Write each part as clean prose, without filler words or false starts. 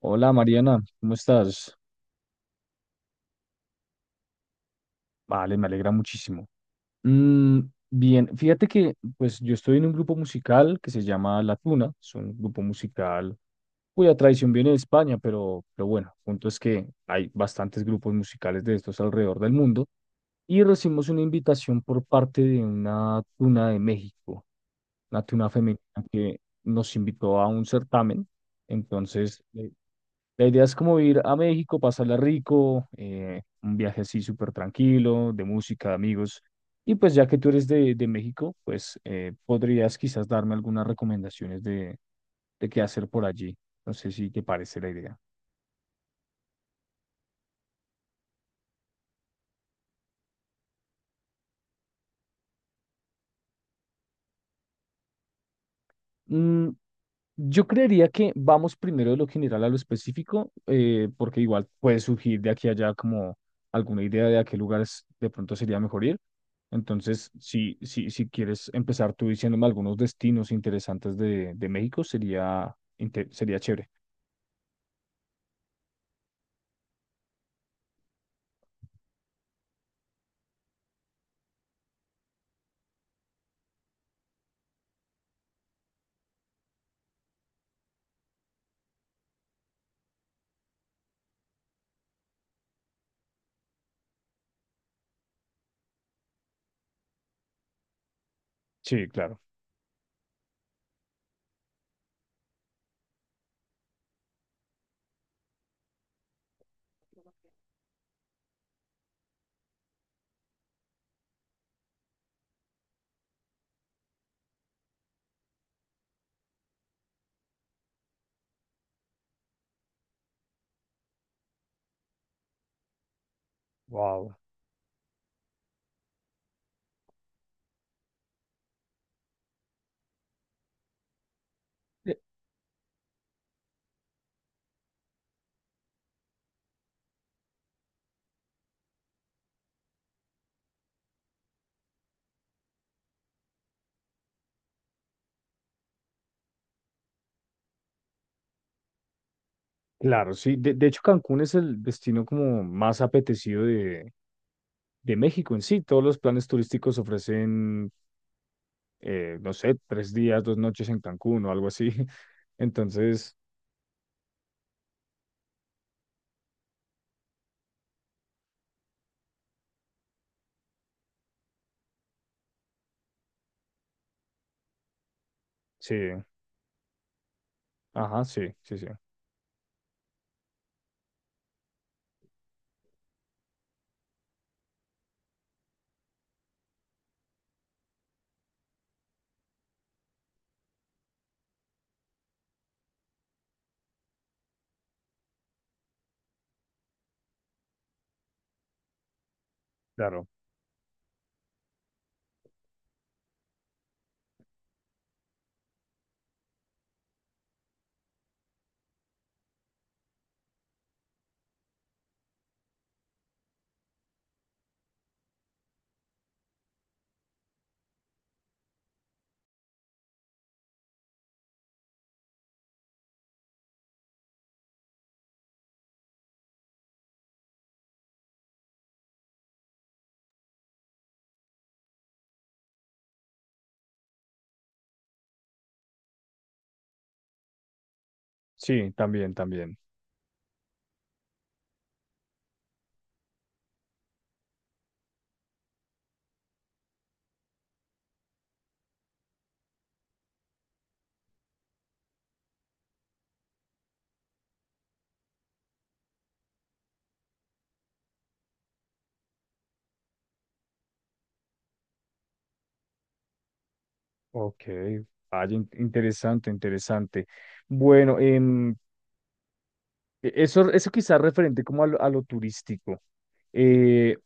Hola Mariana, ¿cómo estás? Vale, me alegra muchísimo. Mm, bien, fíjate que pues yo estoy en un grupo musical que se llama La Tuna, es un grupo musical cuya tradición viene de España, pero bueno, el punto es que hay bastantes grupos musicales de estos alrededor del mundo y recibimos una invitación por parte de una tuna de México, una tuna femenina que nos invitó a un certamen, entonces... la idea es como ir a México, pasarla rico, un viaje así súper tranquilo, de música, de amigos. Y pues ya que tú eres de México, pues podrías quizás darme algunas recomendaciones de qué hacer por allí. No sé si te parece la idea. Mm, yo creería que vamos primero de lo general a lo específico, porque igual puede surgir de aquí a allá como alguna idea de a qué lugares de pronto sería mejor ir. Entonces, si quieres empezar tú diciéndome algunos destinos interesantes de México, sería, sería chévere. Sí, claro. Wow. Claro, sí. De hecho, Cancún es el destino como más apetecido de México en sí. Todos los planes turísticos ofrecen, no sé, tres días, dos noches en Cancún o algo así. Entonces, sí, ajá, sí, sí, sí. Claro. Sí, también, también. Ok. Vaya, interesante, interesante. Bueno, eso, eso quizás referente como a lo turístico. Eh,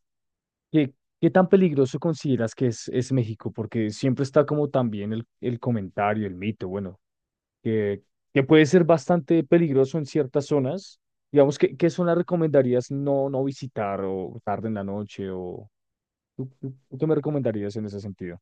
¿Qué, qué tan peligroso consideras que es México? Porque siempre está como también el comentario, el mito, bueno, que, que puede ser bastante peligroso en ciertas zonas. Digamos, ¿qué, qué zona recomendarías no, no visitar o tarde en la noche? O, ¿tú, tú qué me recomendarías en ese sentido?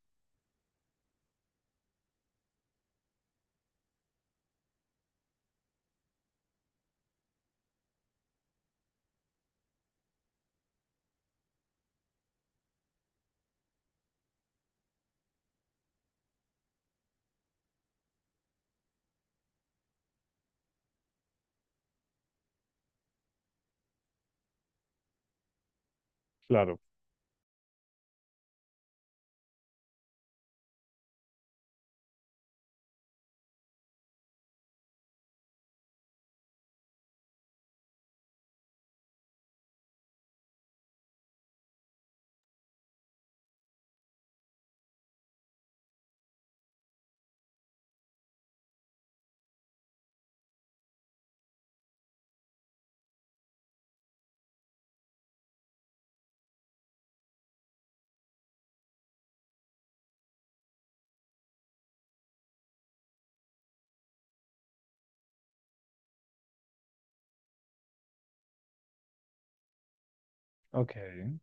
Claro, ok.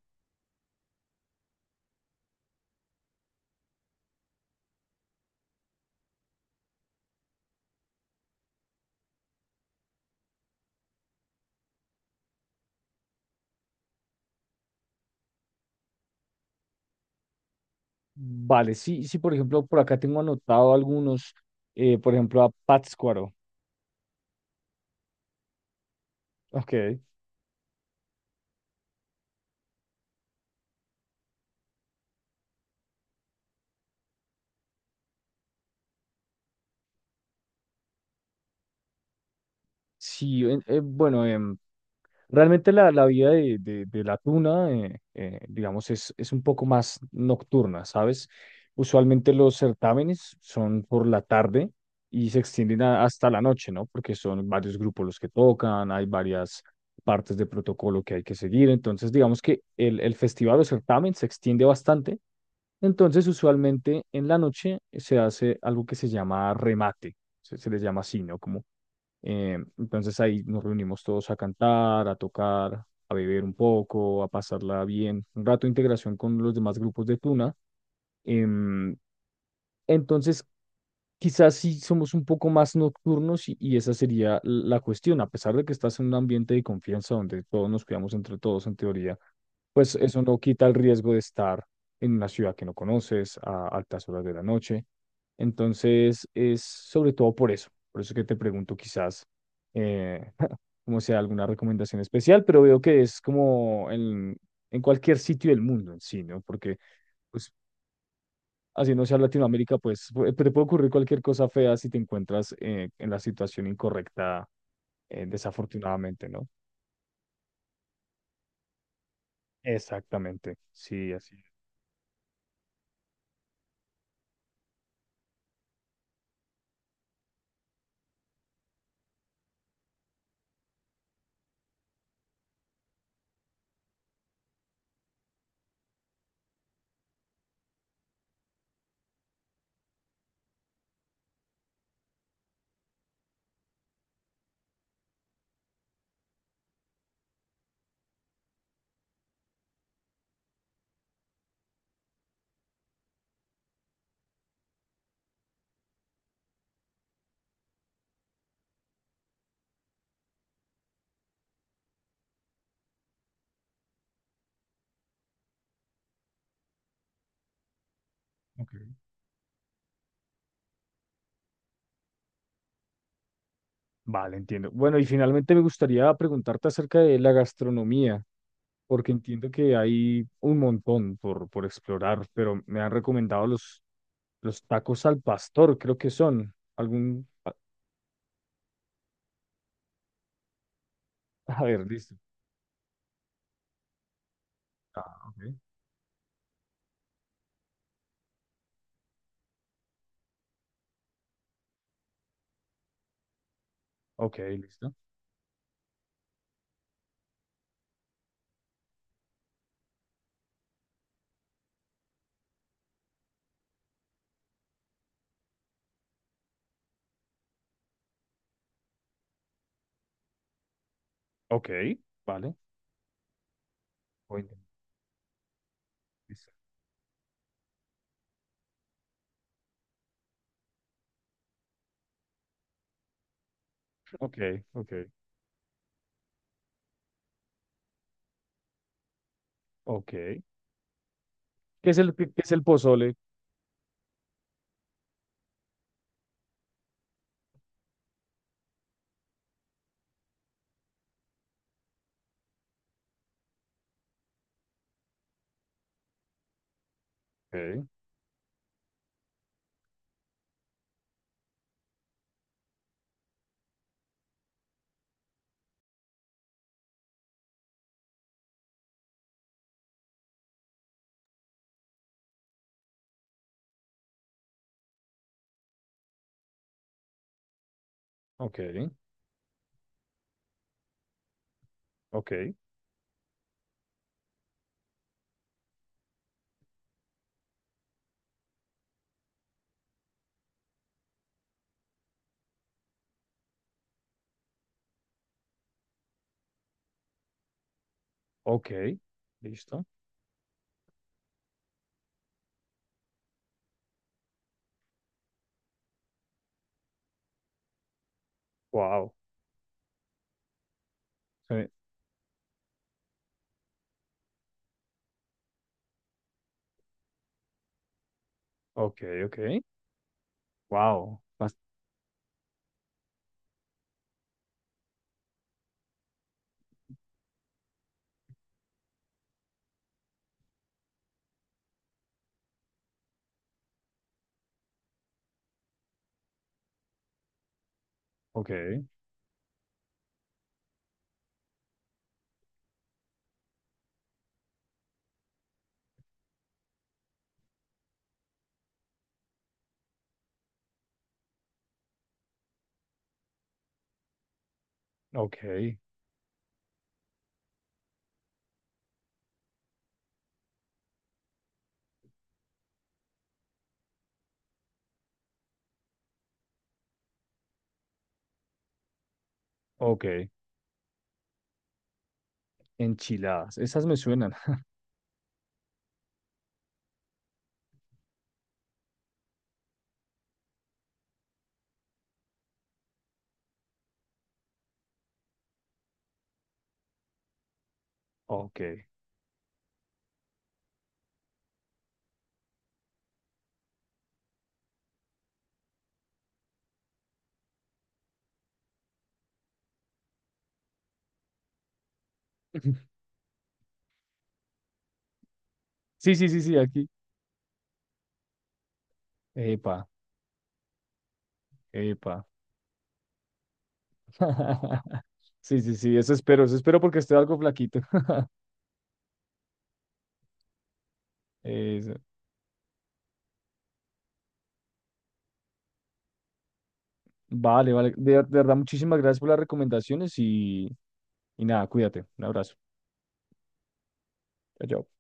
Vale, sí, sí, por ejemplo, por acá tengo anotado algunos, por ejemplo, a Pátzcuaro. Ok, sí, bueno, realmente la, la vida de la tuna, digamos, es un poco más nocturna, ¿sabes? Usualmente los certámenes son por la tarde y se extienden hasta la noche, ¿no? Porque son varios grupos los que tocan, hay varias partes de protocolo que hay que seguir. Entonces, digamos que el festival o certamen se extiende bastante. Entonces, usualmente en la noche se hace algo que se llama remate, se les llama así, ¿no? Como entonces ahí nos reunimos todos a cantar, a tocar, a beber un poco, a pasarla bien. Un rato de integración con los demás grupos de Tuna. Em, entonces, quizás sí somos un poco más nocturnos y esa sería la cuestión, a pesar de que estás en un ambiente de confianza donde todos nos cuidamos entre todos en teoría, pues eso no quita el riesgo de estar en una ciudad que no conoces a altas horas de la noche. Entonces, es sobre todo por eso que te pregunto quizás eh, como sea alguna recomendación especial, pero veo que es como en cualquier sitio del mundo en sí, ¿no? Porque... Pues así no sea Latinoamérica, pues te puede ocurrir cualquier cosa fea si te encuentras en la situación incorrecta, desafortunadamente, ¿no? Exactamente, sí, así. Es. Ok. Vale, entiendo. Bueno, y finalmente me gustaría preguntarte acerca de la gastronomía, porque entiendo que hay un montón por explorar, pero me han recomendado los tacos al pastor, creo que son. Algún... A a ver, listo. Ah, ok. Ok, listo. Ok, vale. Voy a intentar. Ok, ok, ok. Qué es el pozole? Ok, ok, ok, ok. Listo. Wow. Ok, ok. Wow. Bas- Ok, ok, ok. Enchiladas. Esas me suenan. Ok. Sí, sí, sí, sí, aquí. Epa, epa. Sí, sí, sí, eso espero porque estoy algo flaquito. Eso. Vale, vale. De verdad, muchísimas gracias por las recomendaciones y nada, cuídate. Un abrazo. Chao. Chao.